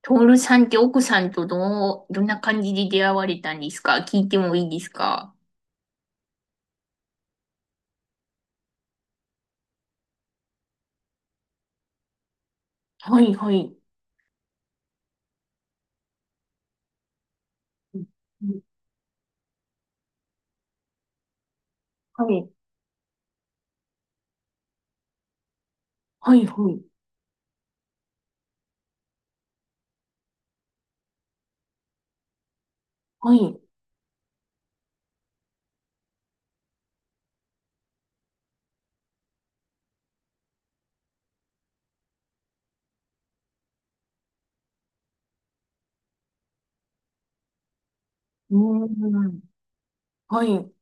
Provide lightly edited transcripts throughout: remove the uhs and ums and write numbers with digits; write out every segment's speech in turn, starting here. トールさんって奥さんとどう、どんな感じで出会われたんですか？聞いてもいいですか？はい、はい。うん。はい、はい、はい。はい、うーん。はい。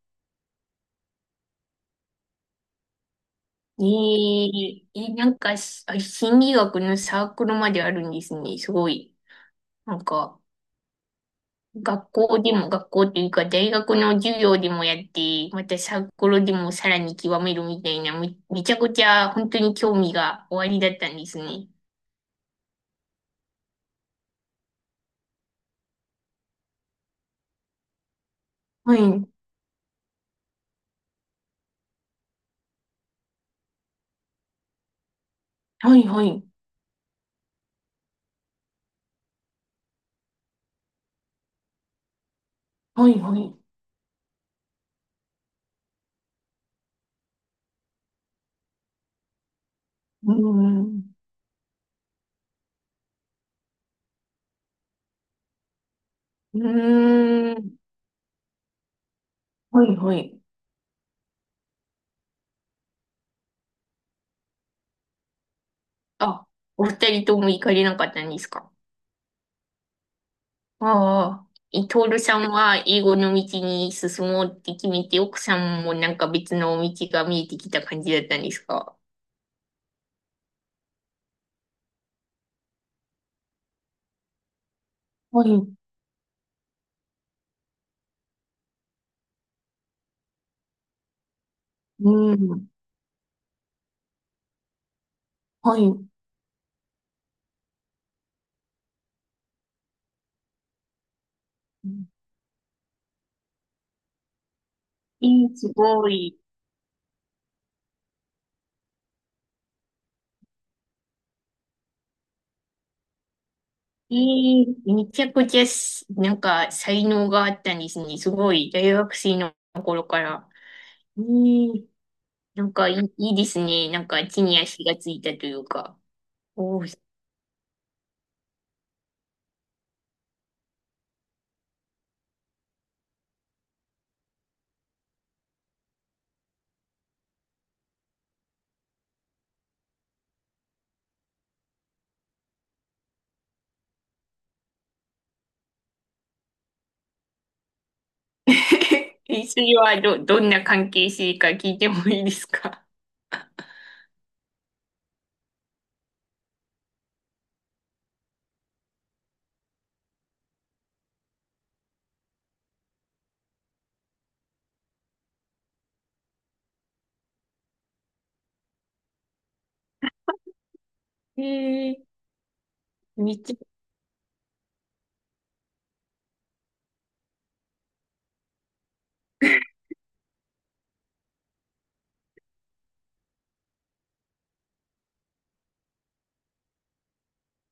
えー、えなんかし、あ、心理学のサークルまであるんですね。すごい。なんか、学校というか、大学の授業でもやって、またサークルでもさらに極めるみたいな、めちゃくちゃ本当に興味がおありだったんですね。はい、はい、はい。はい、はい。うーん。うーん。はい、はい。あ、お二人とも行かれなかったんですか？ああ。え、トールさんは英語の道に進もうって決めて、奥さんもなんか別の道が見えてきた感じだったんですか？はい。うん。はい。えー、すごい。えー、めちゃくちゃし、なんか才能があったんですね。すごい。大学生の頃から。ええ、なんかいいですね。なんか地に足がついたというか。おお。それはど、どんな関係性か聞いてもいいですか？ええー、めっちゃ、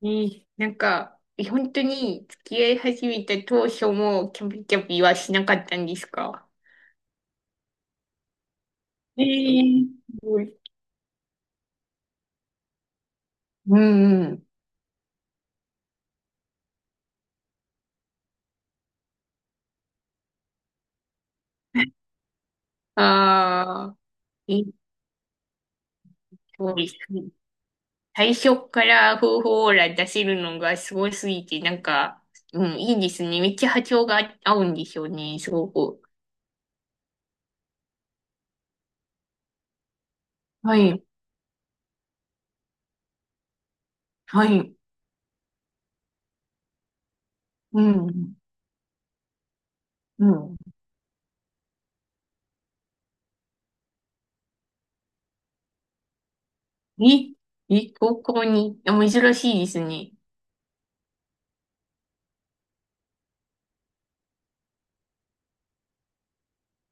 えー、なんか、え、本当に付き合い始めた当初もキャピキャピはしなかったんですか？ええー、すごい。うん、うん。ああ、え、そうです。最初から方法オーラ出せるのがすごすぎて、なんか、うん、いいですね。めっちゃ波長が合うんでしょうね、すごく。はい、はい、うん、うん。え、え、高校に、あ、珍しいですね。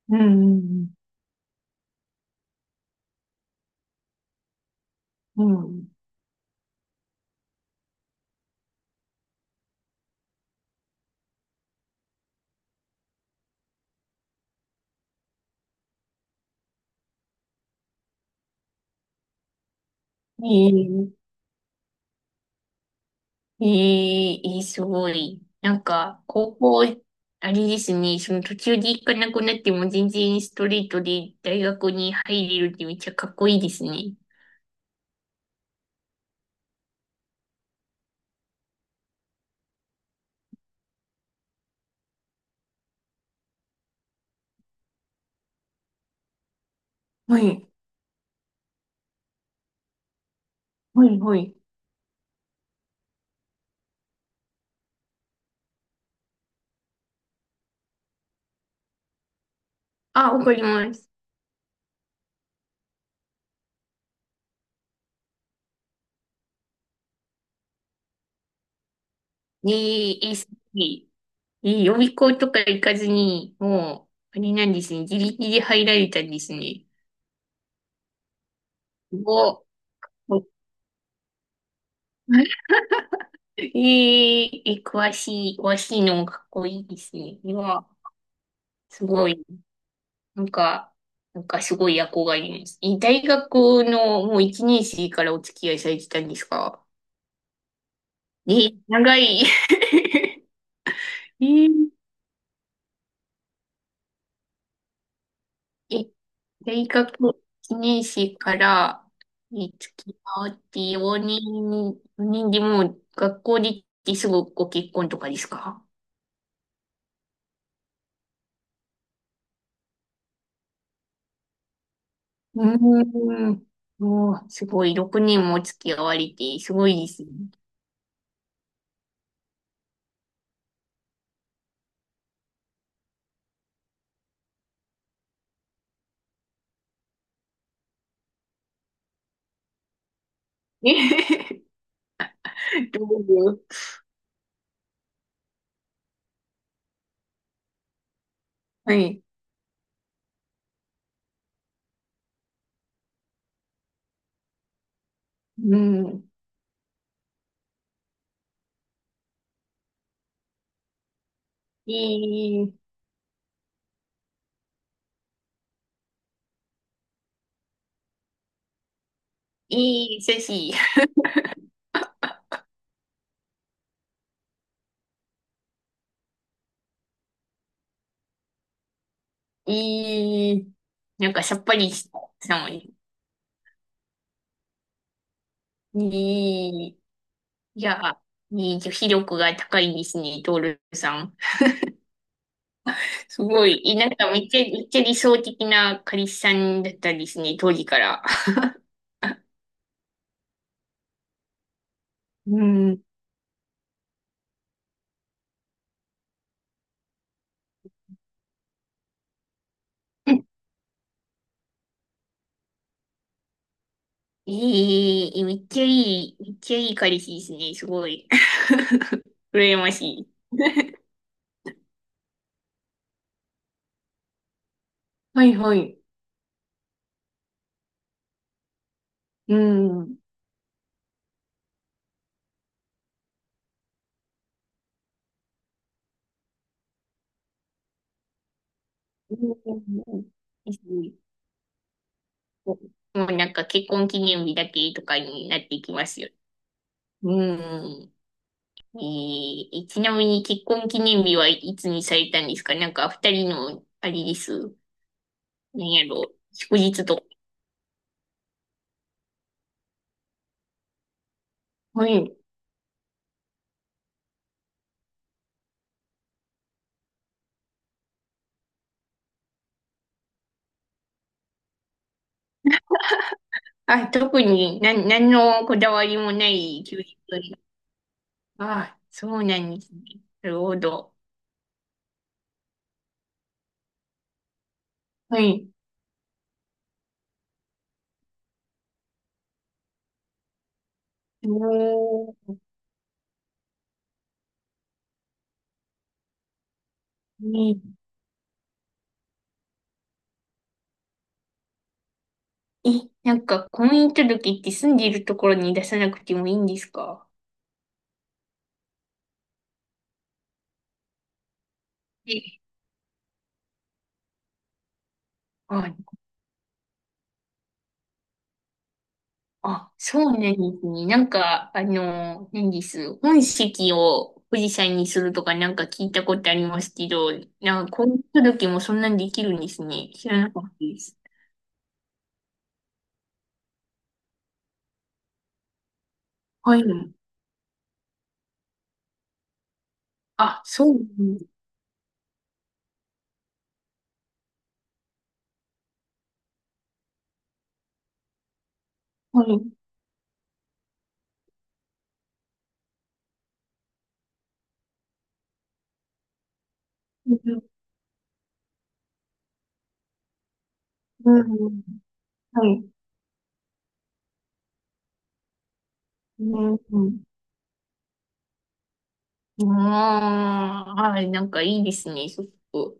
うん、うん、うん。ええ、ええ、え、すごい。なんか、あれですね、その途中で行かなくなっても全然ストレートで大学に入れるってめっちゃかっこいいですね。はい、はい、はい。あ、わかります。で、え、すごい。え、予備校とか行かずに、あれなんですね。自力で入られたんですね。お、お。 えー、え、詳しいのもかっこいいですね。いや、すごい、なんか、なんかすごい憧れます。え、大学のもう一年生からお付き合いされてたんですか？え、長い。えー、え、大学1年生からに付き合って4人、4人でもう学校で行ってすぐご結婚とかですか？うーん。もう、すごい、6年も付き合われて、すごいですね。えへへ。どうぞ。はい。うん。いい、いい、寿司。いい、なんかさっぱりした。いい、いや、いい、女子力が高いですね、トールさん。すごい、なんかめっちゃ、めっちゃ理想的な彼氏さんだったんですね、当時から。うん。ええ、めっちゃいい、めっちゃいい彼氏ですね、すごい。羨ましい。はい、はい。うん。うんですね。もうなんか結婚記念日だけとかになっていきますよ。うん。えー、ちなみに結婚記念日はいつにされたんですか？なんか二人の、あれです。なんやろ、祝日とか。はい。あ、特に何、何のこだわりもない給食に。あ、そうなんですね。なるほど。はい。おー、ね、え、なんか婚姻届って住んでいるところに出さなくてもいいんですか？え、あ、あ、そうなんですね。なんか、あの、何です。本籍を富士山にするとかなんか聞いたことありますけど、なんか婚姻届もそんなんできるんですね。知らなかったです。はい。あ、そうなんです。はい。うん。はい。うん。うん。ああ、はい。なんかいいですね。ちょっと。